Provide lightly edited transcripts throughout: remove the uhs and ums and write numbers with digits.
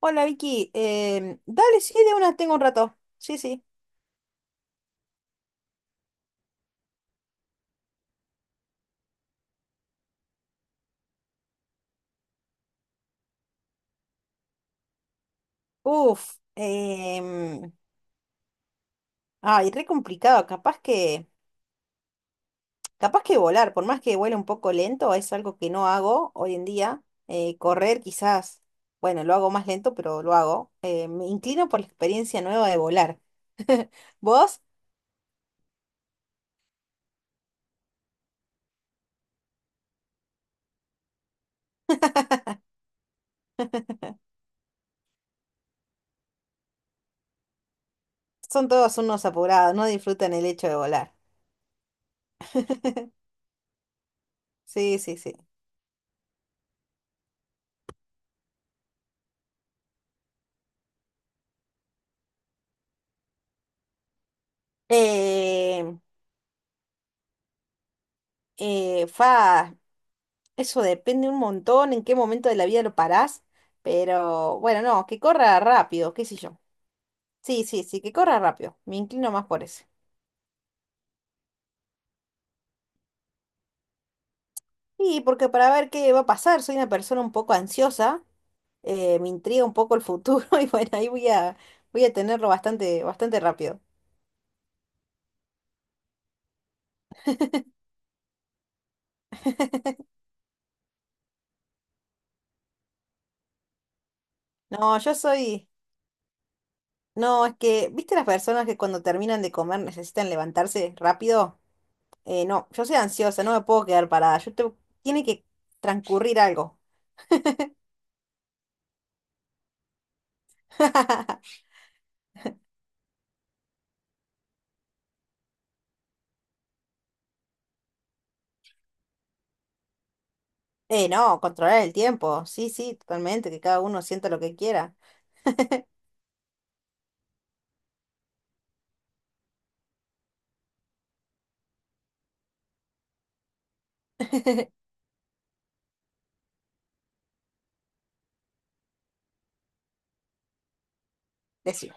Hola Vicky, dale, sí, de una tengo un rato. Sí, sí. Uf, ay, re complicado. Capaz que volar, por más que vuele un poco lento, es algo que no hago hoy en día. Correr quizás, bueno, lo hago más lento, pero lo hago. Me inclino por la experiencia nueva de volar. Vos son todos unos apurados, no disfrutan el hecho de volar. Sí, sí, sí. Eh, eh, fa, Eso depende un montón en qué momento de la vida lo parás, pero bueno, no, que corra rápido, qué sé yo. Sí, sí, sí, que corra rápido. Me inclino más por eso. Y porque para ver qué va a pasar, soy una persona un poco ansiosa, me intriga un poco el futuro y bueno, voy a tenerlo bastante, bastante rápido. No, yo soy, no, es que, ¿viste las personas que cuando terminan de comer necesitan levantarse rápido? No, yo soy ansiosa, no me puedo quedar parada, yo tengo- tiene que transcurrir algo. No, controlar el tiempo. Sí, sí, totalmente, que cada uno sienta lo que quiera. Decime.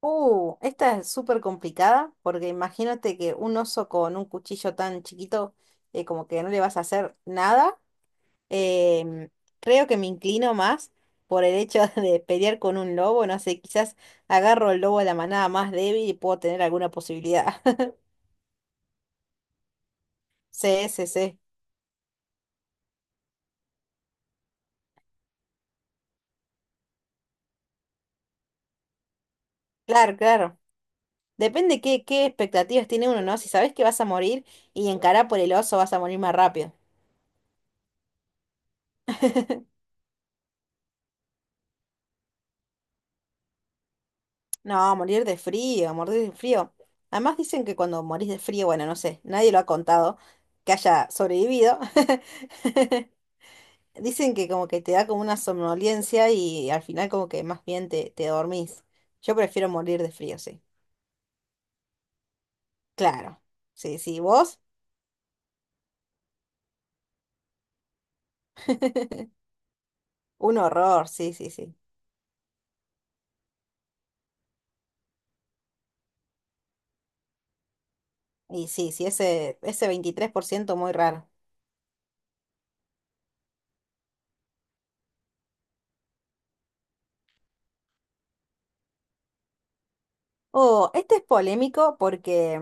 Esta es súper complicada porque imagínate que un oso con un cuchillo tan chiquito, como que no le vas a hacer nada. Em, creo que me inclino más por el hecho de pelear con un lobo. No sé, quizás agarro el lobo de la manada más débil y puedo tener alguna posibilidad. Sí, sí, sí. Claro, claro. Depende qué expectativas tiene uno, ¿no? Si sabes que vas a morir y encará por el oso vas a morir más rápido. No, morir de frío, morir de frío. Además dicen que cuando morís de frío, bueno, no sé, nadie lo ha contado que haya sobrevivido. Dicen que como que te da como una somnolencia y al final como que más bien te dormís. Yo prefiero morir de frío, sí. Claro. Sí, sí, ¿vos? Un horror, sí, sí, sí. Y sí, sí, ese 23% muy raro. Oh, este es polémico porque,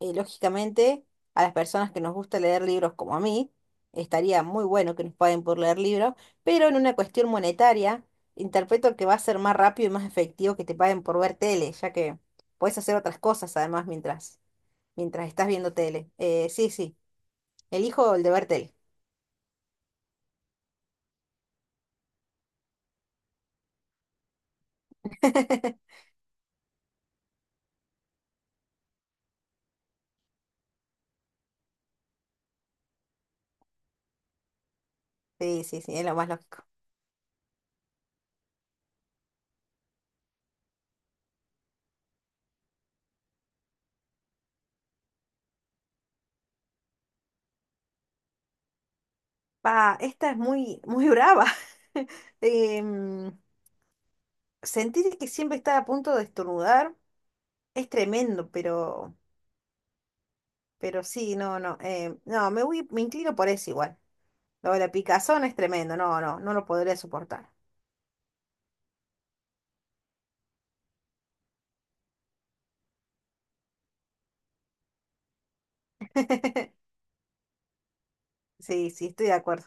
lógicamente, a las personas que nos gusta leer libros como a mí, estaría muy bueno que nos paguen por leer libros, pero en una cuestión monetaria, interpreto que va a ser más rápido y más efectivo que te paguen por ver tele, ya que puedes hacer otras cosas además mientras estás viendo tele. Sí, sí, elijo el de ver tele. Sí, sí, sí, es lo más lógico. Pa, esta es muy, muy brava. Em, sentir que siempre está a punto de estornudar. Es tremendo, pero sí, no, no, me inclino por eso igual. Lo de la picazón es tremendo, no, no, no lo podría soportar. Sí, sí, estoy de acuerdo.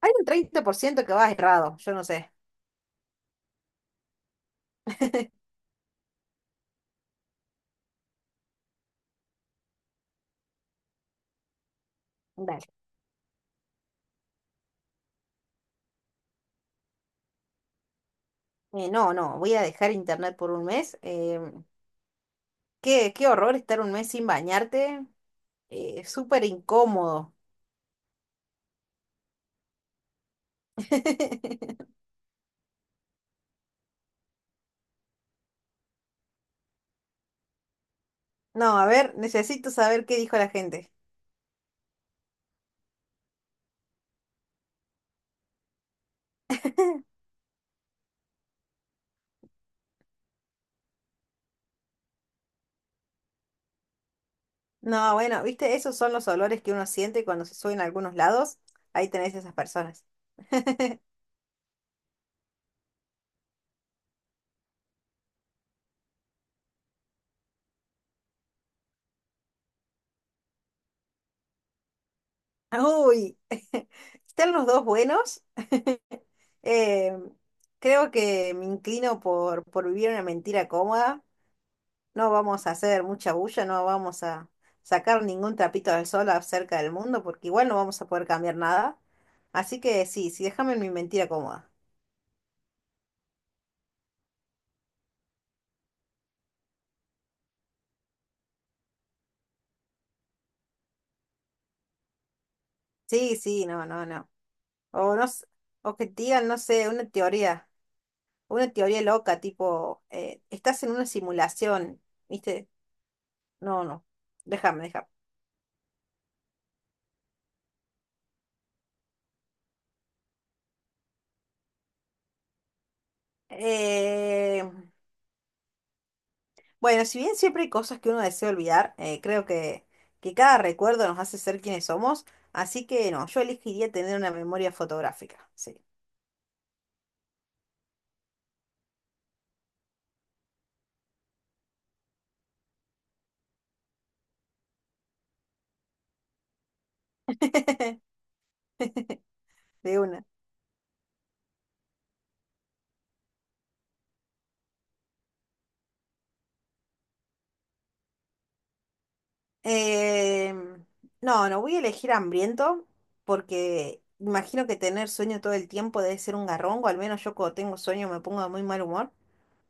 Hay un 30% que va errado, yo no sé. Dale. No, no, voy a dejar internet por un mes. Qué horror estar un mes sin bañarte. Súper incómodo. No, a ver, necesito saber qué dijo la gente. No, bueno, viste, esos son los olores que uno siente cuando se sube en algunos lados. Ahí tenés esas personas. Uy, están los dos buenos. Eh, creo que me inclino por vivir una mentira cómoda. No vamos a hacer mucha bulla, no vamos a sacar ningún trapito al sol acerca del mundo, porque igual no vamos a poder cambiar nada. Así que sí, sí, déjame en mi mentira cómoda. Sí, sí, no, no, no. O no, s- o que te digan, no sé, una teoría. Una teoría loca, tipo, estás en una simulación, ¿viste? No, no, déjame, déjame. Eh, bueno, si bien siempre hay cosas que uno desea olvidar, que cada recuerdo nos hace ser quienes somos, así que no, yo elegiría tener una memoria fotográfica, sí, de una. Eh, no, no voy a elegir hambriento porque imagino que tener sueño todo el tiempo debe ser un garrón, o al menos yo cuando tengo sueño me pongo de muy mal humor.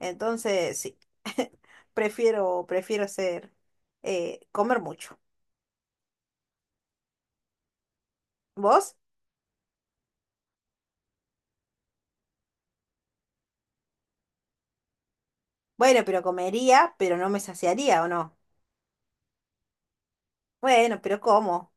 Entonces, sí, prefiero ser, comer mucho. ¿Vos? Bueno, pero comería, pero no me saciaría, ¿o no? Bueno, pero ¿cómo?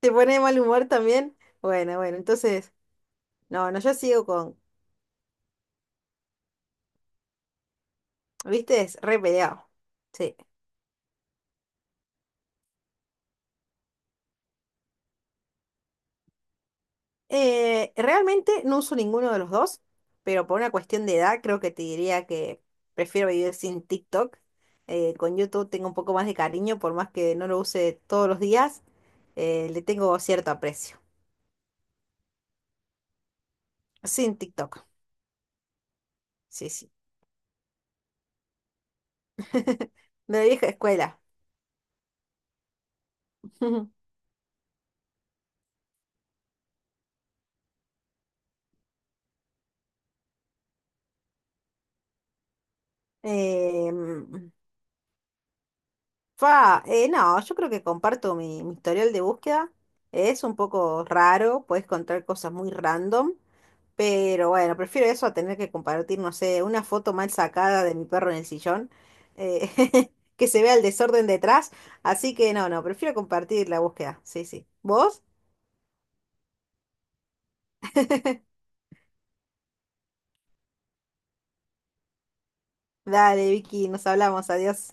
¿Te pone de mal humor también? Bueno, bueno, entonces, no, no, yo sigo con, viste, es re peleado. Sí. Realmente no uso ninguno de los dos, pero por una cuestión de edad creo que te diría que prefiero vivir sin TikTok. Con YouTube tengo un poco más de cariño, por más que no lo use todos los días, le tengo cierto aprecio. Sin TikTok, sí, sí. De vieja escuela. Em, no, yo creo que comparto mi historial de búsqueda. Es un poco raro, puedes encontrar cosas muy random, pero bueno, prefiero eso a tener que compartir, no sé, una foto mal sacada de mi perro en el sillón, eh, que se vea el desorden detrás. Así que no, no, prefiero compartir la búsqueda. Sí, sí. ¿Vos? Dale, Vicky, nos hablamos, adiós.